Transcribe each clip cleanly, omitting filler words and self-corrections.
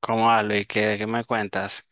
¿Cómo va, Luis? ¿¿Qué me cuentas?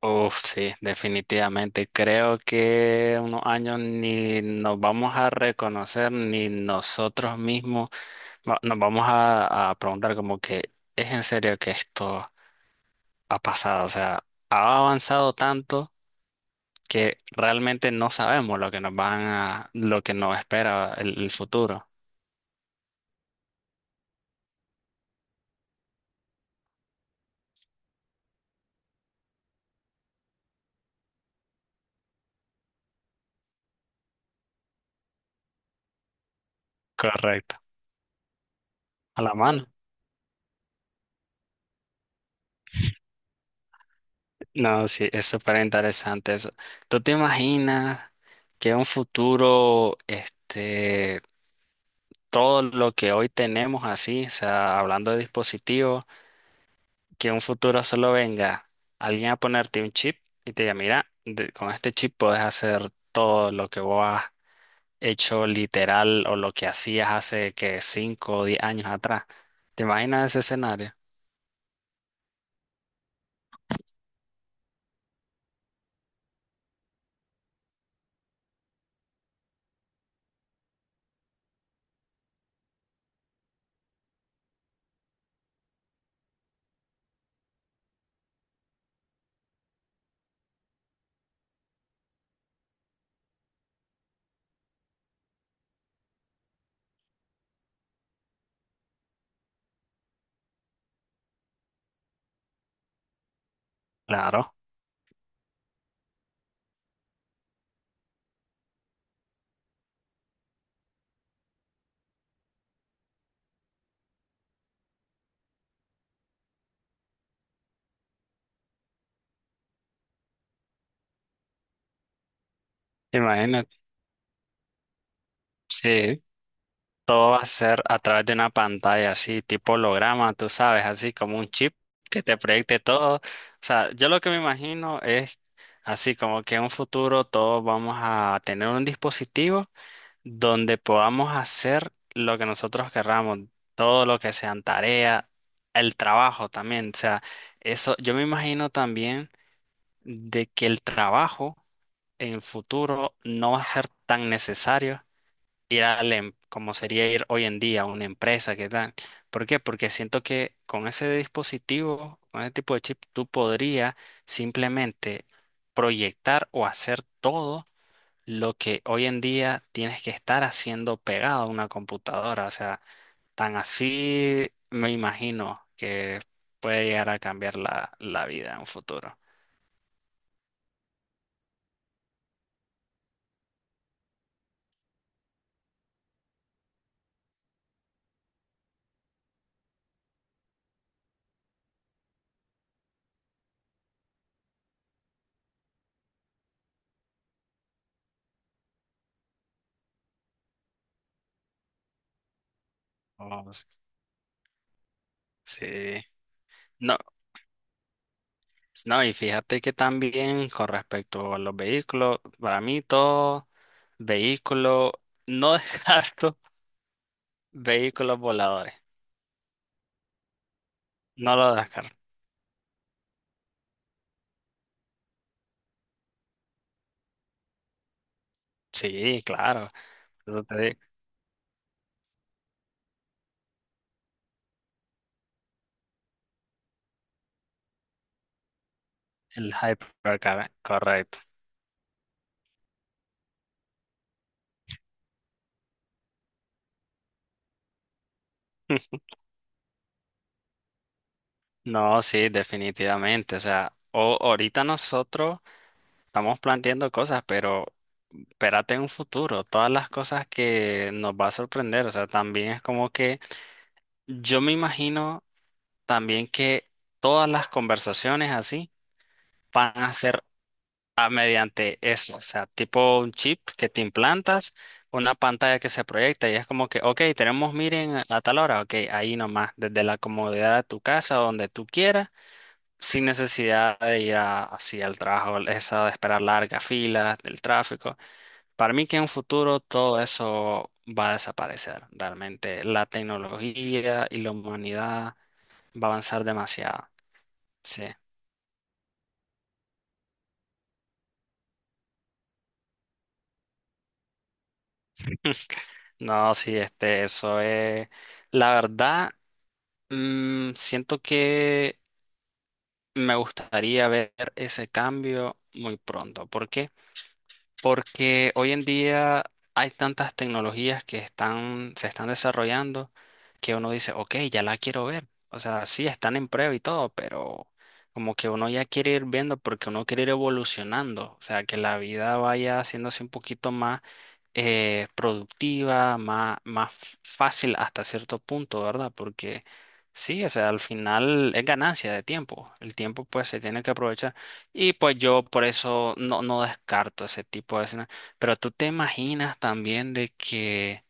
Uf, sí, definitivamente. Creo que unos años ni nos vamos a reconocer, ni nosotros mismos nos vamos a preguntar como que es en serio que esto ha pasado. O sea, ha avanzado tanto que realmente no sabemos lo que nos van a, lo que nos espera el futuro. Correcto. A la mano. No, sí, es súper interesante eso. ¿Tú te imaginas que en un futuro, todo lo que hoy tenemos así, o sea, hablando de dispositivos, que en un futuro solo venga alguien a ponerte un chip y te diga, mira, con este chip puedes hacer todo lo que vos has hecho literal o lo que hacías hace que 5 o 10 años atrás? ¿Te imaginas ese escenario? Claro, imagínate. Sí. Todo va a ser a través de una pantalla así, tipo holograma, tú sabes, así como un chip que te proyecte todo. O sea, yo lo que me imagino es así como que en un futuro todos vamos a tener un dispositivo donde podamos hacer lo que nosotros querramos, todo lo que sean tareas, el trabajo también. O sea, eso yo me imagino también de que el trabajo en el futuro no va a ser tan necesario ir a como sería ir hoy en día a una empresa, ¿qué tal? ¿Por qué? Porque siento que con ese dispositivo, con ese tipo de chip, tú podrías simplemente proyectar o hacer todo lo que hoy en día tienes que estar haciendo pegado a una computadora. O sea, tan así me imagino que puede llegar a cambiar la vida en un futuro. Oh, sí. Sí. No, no, y fíjate que también con respecto a los vehículos, para mí todo vehículo, no descarto vehículos voladores, no lo descarto. Sí, claro, eso te digo, el hypercar, correcto. No, sí, definitivamente, o sea, ahorita nosotros estamos planteando cosas, pero espérate en un futuro, todas las cosas que nos va a sorprender, o sea, también es como que yo me imagino también que todas las conversaciones así van a ser mediante eso, o sea, tipo un chip que te implantas, una pantalla que se proyecta y es como que, ok, tenemos miren a tal hora, ok, ahí nomás, desde la comodidad de tu casa, donde tú quieras, sin necesidad de así al trabajo, esa de esperar largas filas, del tráfico. Para mí que en un futuro todo eso va a desaparecer, realmente la tecnología y la humanidad va a avanzar demasiado. Sí. No, sí, eso es. La verdad, siento que me gustaría ver ese cambio muy pronto. ¿Por qué? Porque hoy en día hay tantas tecnologías que están, se están desarrollando que uno dice, ok, ya la quiero ver. O sea, sí, están en prueba y todo, pero como que uno ya quiere ir viendo porque uno quiere ir evolucionando. O sea, que la vida vaya haciéndose un poquito más productiva, más, fácil hasta cierto punto, ¿verdad? Porque sí, o sea, al final es ganancia de tiempo. El tiempo pues se tiene que aprovechar. Y pues yo por eso no descarto ese tipo de escenas. Pero tú te imaginas también de que,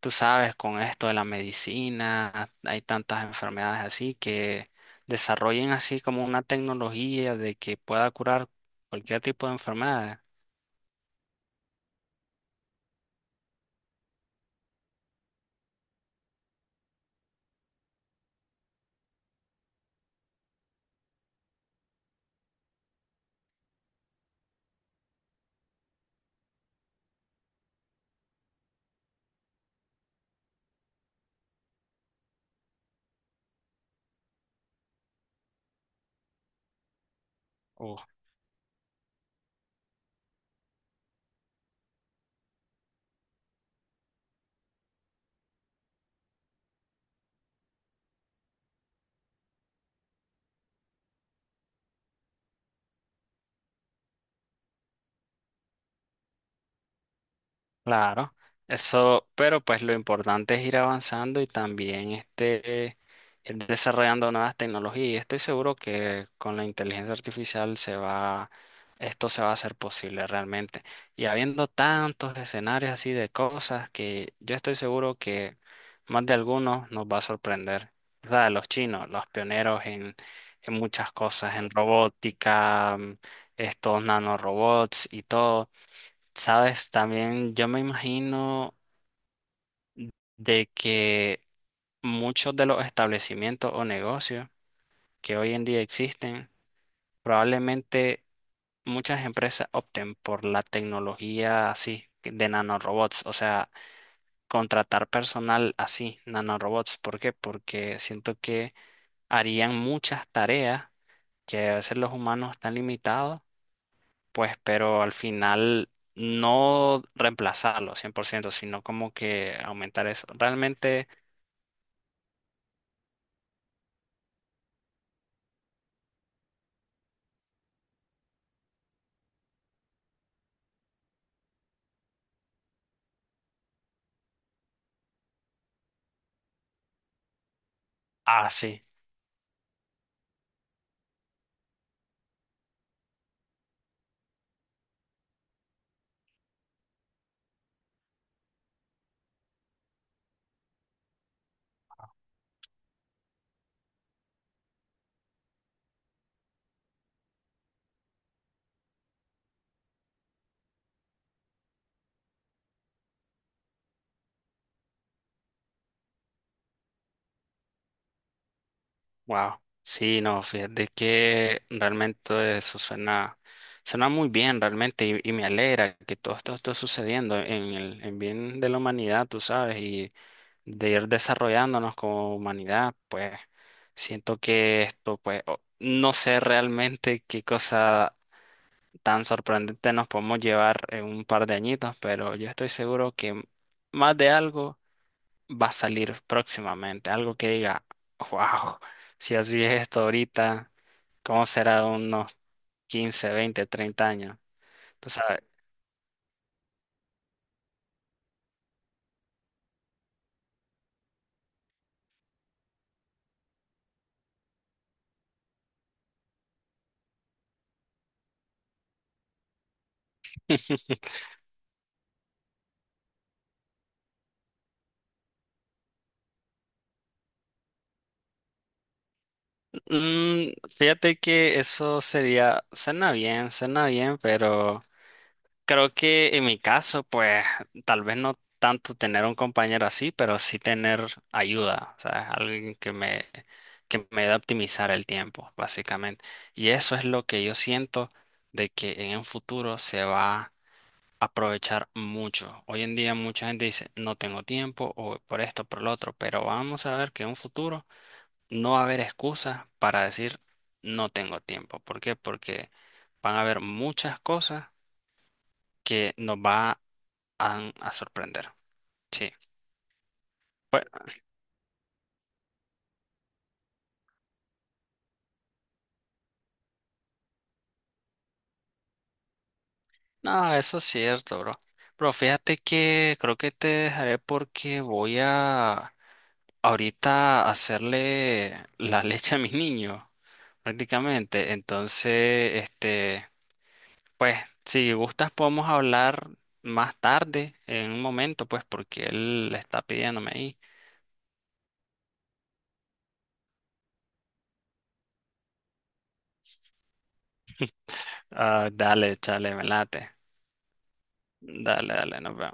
tú sabes, con esto de la medicina, hay tantas enfermedades así que desarrollen así como una tecnología de que pueda curar cualquier tipo de enfermedad. Claro, eso, pero pues lo importante es ir avanzando y también ir desarrollando nuevas tecnologías. Y estoy seguro que con la inteligencia artificial esto se va a hacer posible realmente. Y habiendo tantos escenarios así de cosas que yo estoy seguro que más de algunos nos va a sorprender. O sea, los chinos, los pioneros en muchas cosas, en robótica, estos nanorobots y todo. Sabes, también yo me imagino de que muchos de los establecimientos o negocios que hoy en día existen, probablemente muchas empresas opten por la tecnología así de nanorobots, o sea, contratar personal así, nanorobots. ¿Por qué? Porque siento que harían muchas tareas que a veces los humanos están limitados pues, pero al final no reemplazarlo 100% sino como que aumentar eso. Realmente, ah, sí, wow. Sí, no, fíjate que realmente eso suena, suena muy bien, realmente, y me alegra que todo esto esté sucediendo en el en bien de la humanidad, tú sabes, y de ir desarrollándonos como humanidad, pues siento que esto, pues, no sé realmente qué cosa tan sorprendente nos podemos llevar en un par de añitos, pero yo estoy seguro que más de algo va a salir próximamente, algo que diga, wow, si así es esto ahorita, ¿cómo será de unos 15, 20, 30 años? Tú sabes. Mm, fíjate que eso sería, suena bien, pero creo que en mi caso, pues tal vez no tanto tener un compañero así, pero sí tener ayuda, sea, alguien que me ayude a optimizar el tiempo, básicamente. Y eso es lo que yo siento de que en un futuro se va a aprovechar mucho. Hoy en día mucha gente dice, no tengo tiempo o por esto, por lo otro, pero vamos a ver que en un futuro no va a haber excusas para decir, no tengo tiempo. ¿Por qué? Porque van a haber muchas cosas que nos va van a sorprender. Sí. Bueno, no, eso es cierto, bro. Pero fíjate que creo que te dejaré porque voy a ahorita hacerle la leche a mi niño, prácticamente. Entonces, pues, si gustas podemos hablar más tarde, en un momento, pues, porque él está pidiéndome ahí. Ah, dale, chale, me late. Dale, dale, nos vemos.